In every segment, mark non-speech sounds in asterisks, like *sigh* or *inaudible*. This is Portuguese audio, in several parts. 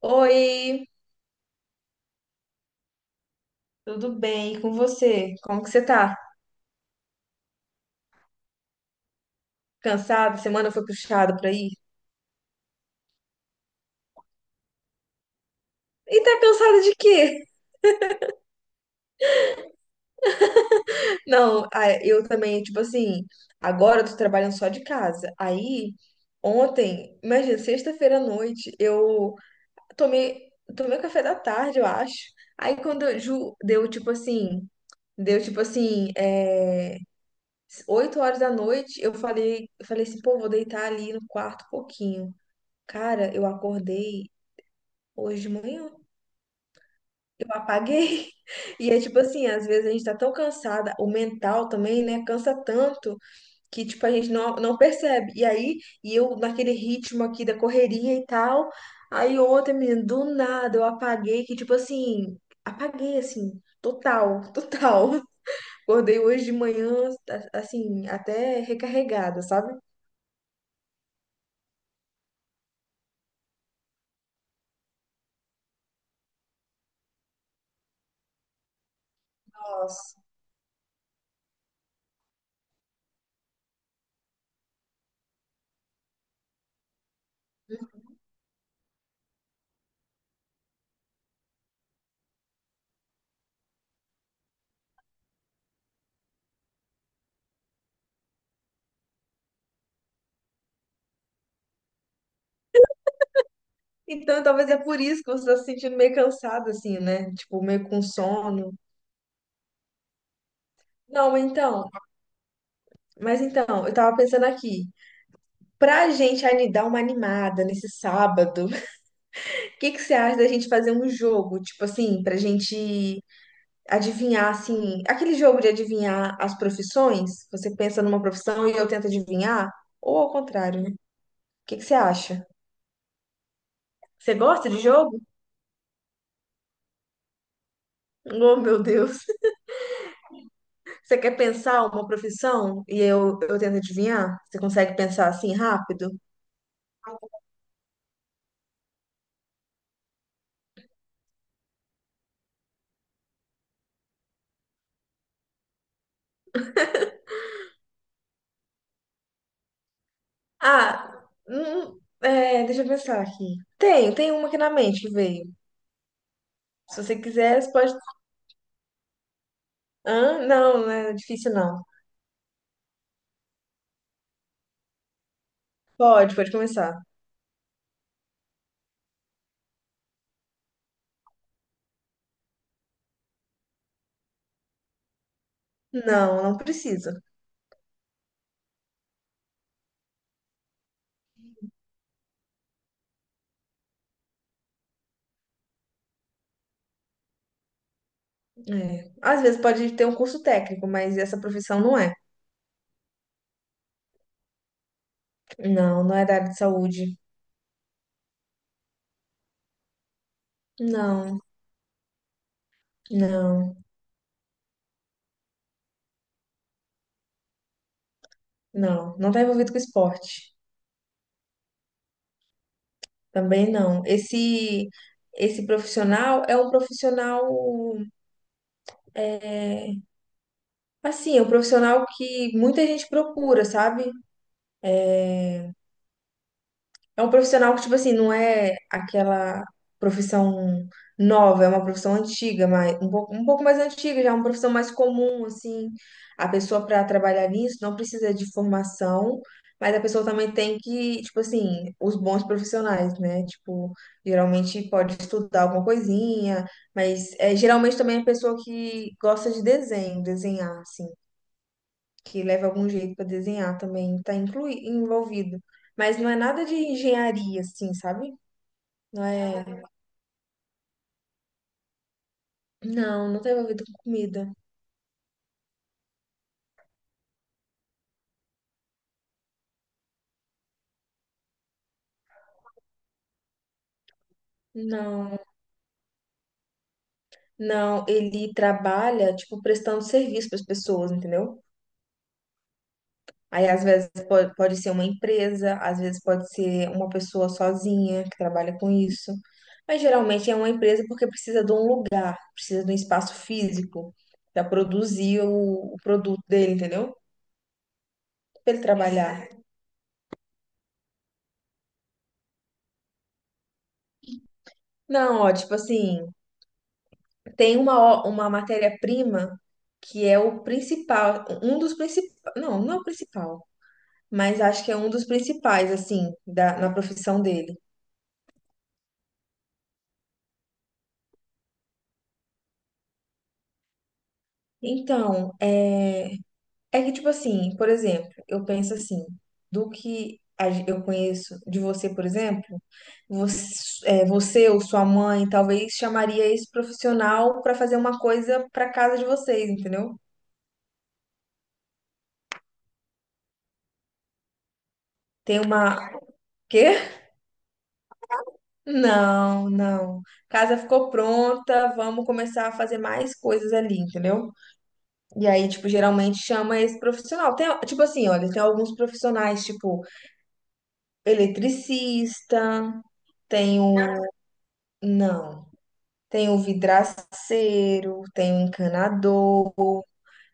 Oi, tudo bem? E com você? Como que você tá? Cansada? Semana foi puxada por aí? E tá cansada de quê? *laughs* Não, ah, eu também, tipo assim, agora eu tô trabalhando só de casa. Aí, ontem, imagina, sexta-feira à noite, eu tomei café da tarde, eu acho. Aí quando eu, deu tipo assim, 8 horas da noite, eu falei assim, pô, vou deitar ali no quarto um pouquinho. Cara, eu acordei hoje de manhã, eu apaguei. *laughs* E é tipo assim, às vezes a gente tá tão cansada, o mental também, né? Cansa tanto que, tipo, a gente não percebe. E aí, eu naquele ritmo aqui da correria e tal. Aí ontem, menina, do nada eu apaguei, que tipo assim, apaguei assim, total, *laughs* total. Acordei hoje de manhã, assim, até recarregada, sabe? Nossa. Então, talvez é por isso que você tá se sentindo meio cansada, assim, né? Tipo, meio com sono. Não, então. Mas então, eu tava pensando aqui, pra gente dar uma animada nesse sábado, *laughs* o que que você acha da gente fazer um jogo, tipo assim, pra gente adivinhar assim, aquele jogo de adivinhar as profissões? Você pensa numa profissão e eu tento adivinhar, ou ao contrário, né? O que que você acha? Você gosta de jogo? Oh, meu Deus. *laughs* Você quer pensar uma profissão e eu tento adivinhar? Você consegue pensar assim rápido? Ah, deixa eu pensar aqui. Tem uma aqui na mente que veio. Se você quiser, você pode. Hã? Não, não é difícil não. Pode, pode começar. Não, não precisa. É. Às vezes pode ter um curso técnico, mas essa profissão não é. Não, não é da área de saúde. Não, não, não. Não está envolvido com esporte. Também não. Esse profissional é um profissional, assim, é um profissional que muita gente procura, sabe? É um profissional que, tipo assim, não é aquela profissão nova, é uma profissão antiga, mas um pouco mais antiga, já é uma profissão mais comum, assim. A pessoa para trabalhar nisso não precisa de formação, mas a pessoa também tem que, tipo assim, os bons profissionais, né? Tipo, geralmente pode estudar alguma coisinha, mas geralmente também é pessoa que gosta de desenho, desenhar, assim que leva algum jeito para desenhar também, está inclui envolvido. Mas não é nada de engenharia, assim, sabe? Não é. Não, não está envolvido com comida. Não, não. Ele trabalha, tipo, prestando serviço para as pessoas, entendeu? Aí, às vezes, pode ser uma empresa, às vezes, pode ser uma pessoa sozinha que trabalha com isso. Mas geralmente é uma empresa porque precisa de um lugar, precisa de um espaço físico para produzir o produto dele, entendeu? Para ele trabalhar. Não, ó, tipo assim, uma matéria-prima que é o principal, um dos principais, não, não é o principal, mas acho que é um dos principais, assim, na profissão dele. Então, é que, tipo assim, por exemplo, eu penso assim, do que eu conheço de você, por exemplo, você, você ou sua mãe talvez chamaria esse profissional para fazer uma coisa para casa de vocês, entendeu? Tem uma, quê? Não, não. Casa ficou pronta, vamos começar a fazer mais coisas ali, entendeu? E aí, tipo, geralmente chama esse profissional. Tem, tipo assim, olha, tem alguns profissionais, tipo, eletricista, tem o. Não. Tem o vidraceiro, tem o encanador.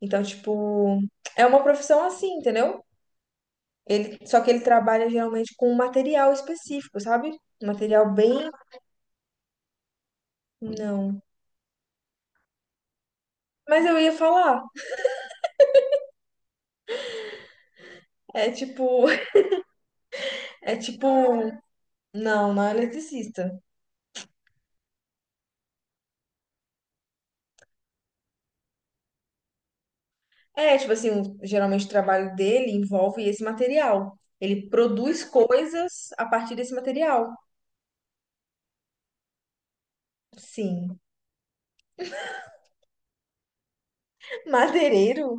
Então, tipo, é uma profissão assim, entendeu? Ele, só que ele trabalha geralmente com um material específico, sabe? Material bem. Não. Mas eu ia falar. É tipo. *laughs* É tipo. Não, não é eletricista. É, tipo assim, geralmente o trabalho dele envolve esse material. Ele produz coisas a partir desse material. Sim. Madeireiro?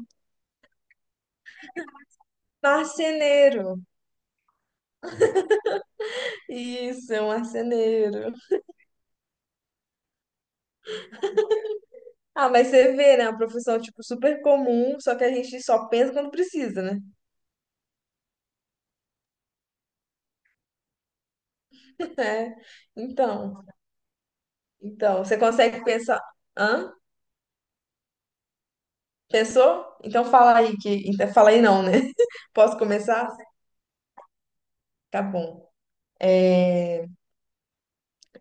Marceneiro. Isso, é um marceneiro. Ah, mas você vê, né? Uma profissão, tipo, super comum, só que a gente só pensa quando precisa, né? *laughs* É. Então, então, você consegue pensar. Hã? Pensou? Fala aí não, né? *laughs* Posso começar? Tá bom.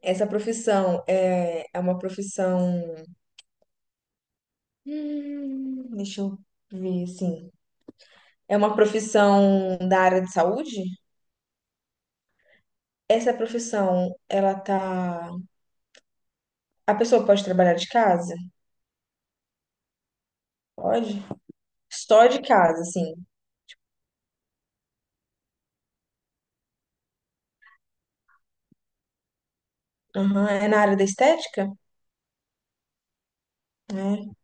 É uma profissão. Deixa eu ver, assim. É uma profissão da área de saúde? Essa profissão, ela tá. A pessoa pode trabalhar de casa? Pode. Só de casa, assim. Aham, é na área da estética? É.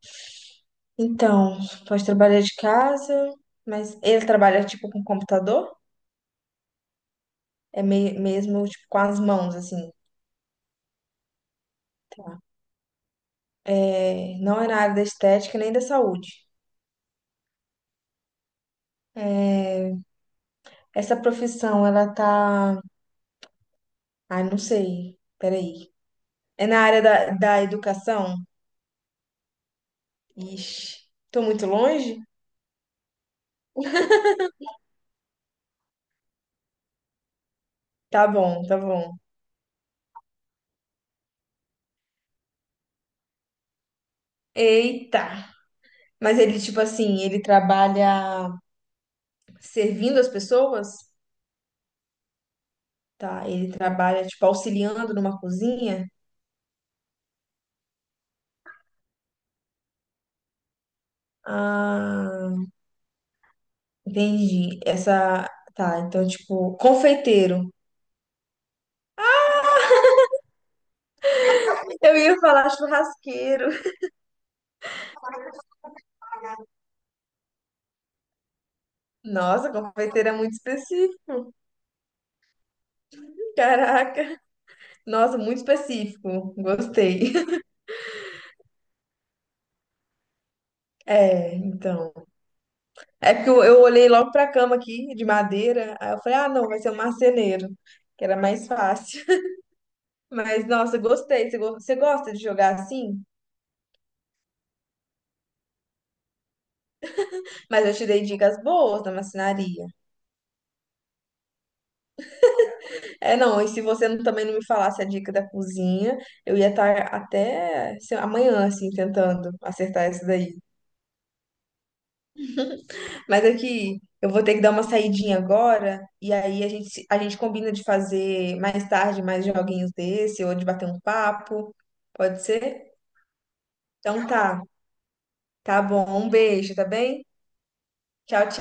Então, pode trabalhar de casa, mas ele trabalha tipo com computador? É mesmo tipo com as mãos, assim. É, não é na área da estética nem da saúde. Essa profissão, ela tá. Ai, não sei. Peraí. É na área da educação? Ixi, tô muito longe? Tá bom, tá bom. Eita! Mas ele, tipo assim, ele trabalha servindo as pessoas? Tá, ele trabalha, tipo, auxiliando numa cozinha? Ah, entendi. Essa. Tá, então, tipo, confeiteiro. Eu ia falar churrasqueiro. Nossa, confeiteiro é muito específico, caraca. Nossa, muito específico. Gostei. *laughs* É, então. É porque eu olhei logo pra cama aqui, de madeira, aí eu falei, ah, não, vai ser um marceneiro, que era mais fácil. *laughs* Mas, nossa, gostei. Você, você gosta de jogar assim? Mas eu te dei dicas boas da marcenaria. É, não, e se você também não me falasse a dica da cozinha, eu ia estar até sei lá, amanhã, assim, tentando acertar essa daí. Mas aqui, eu vou ter que dar uma saidinha agora, e aí a gente, a gente combina de fazer mais tarde mais joguinhos desse, ou de bater um papo, pode ser? Então tá. Tá bom, um beijo, tá bem? Tchau, tchau.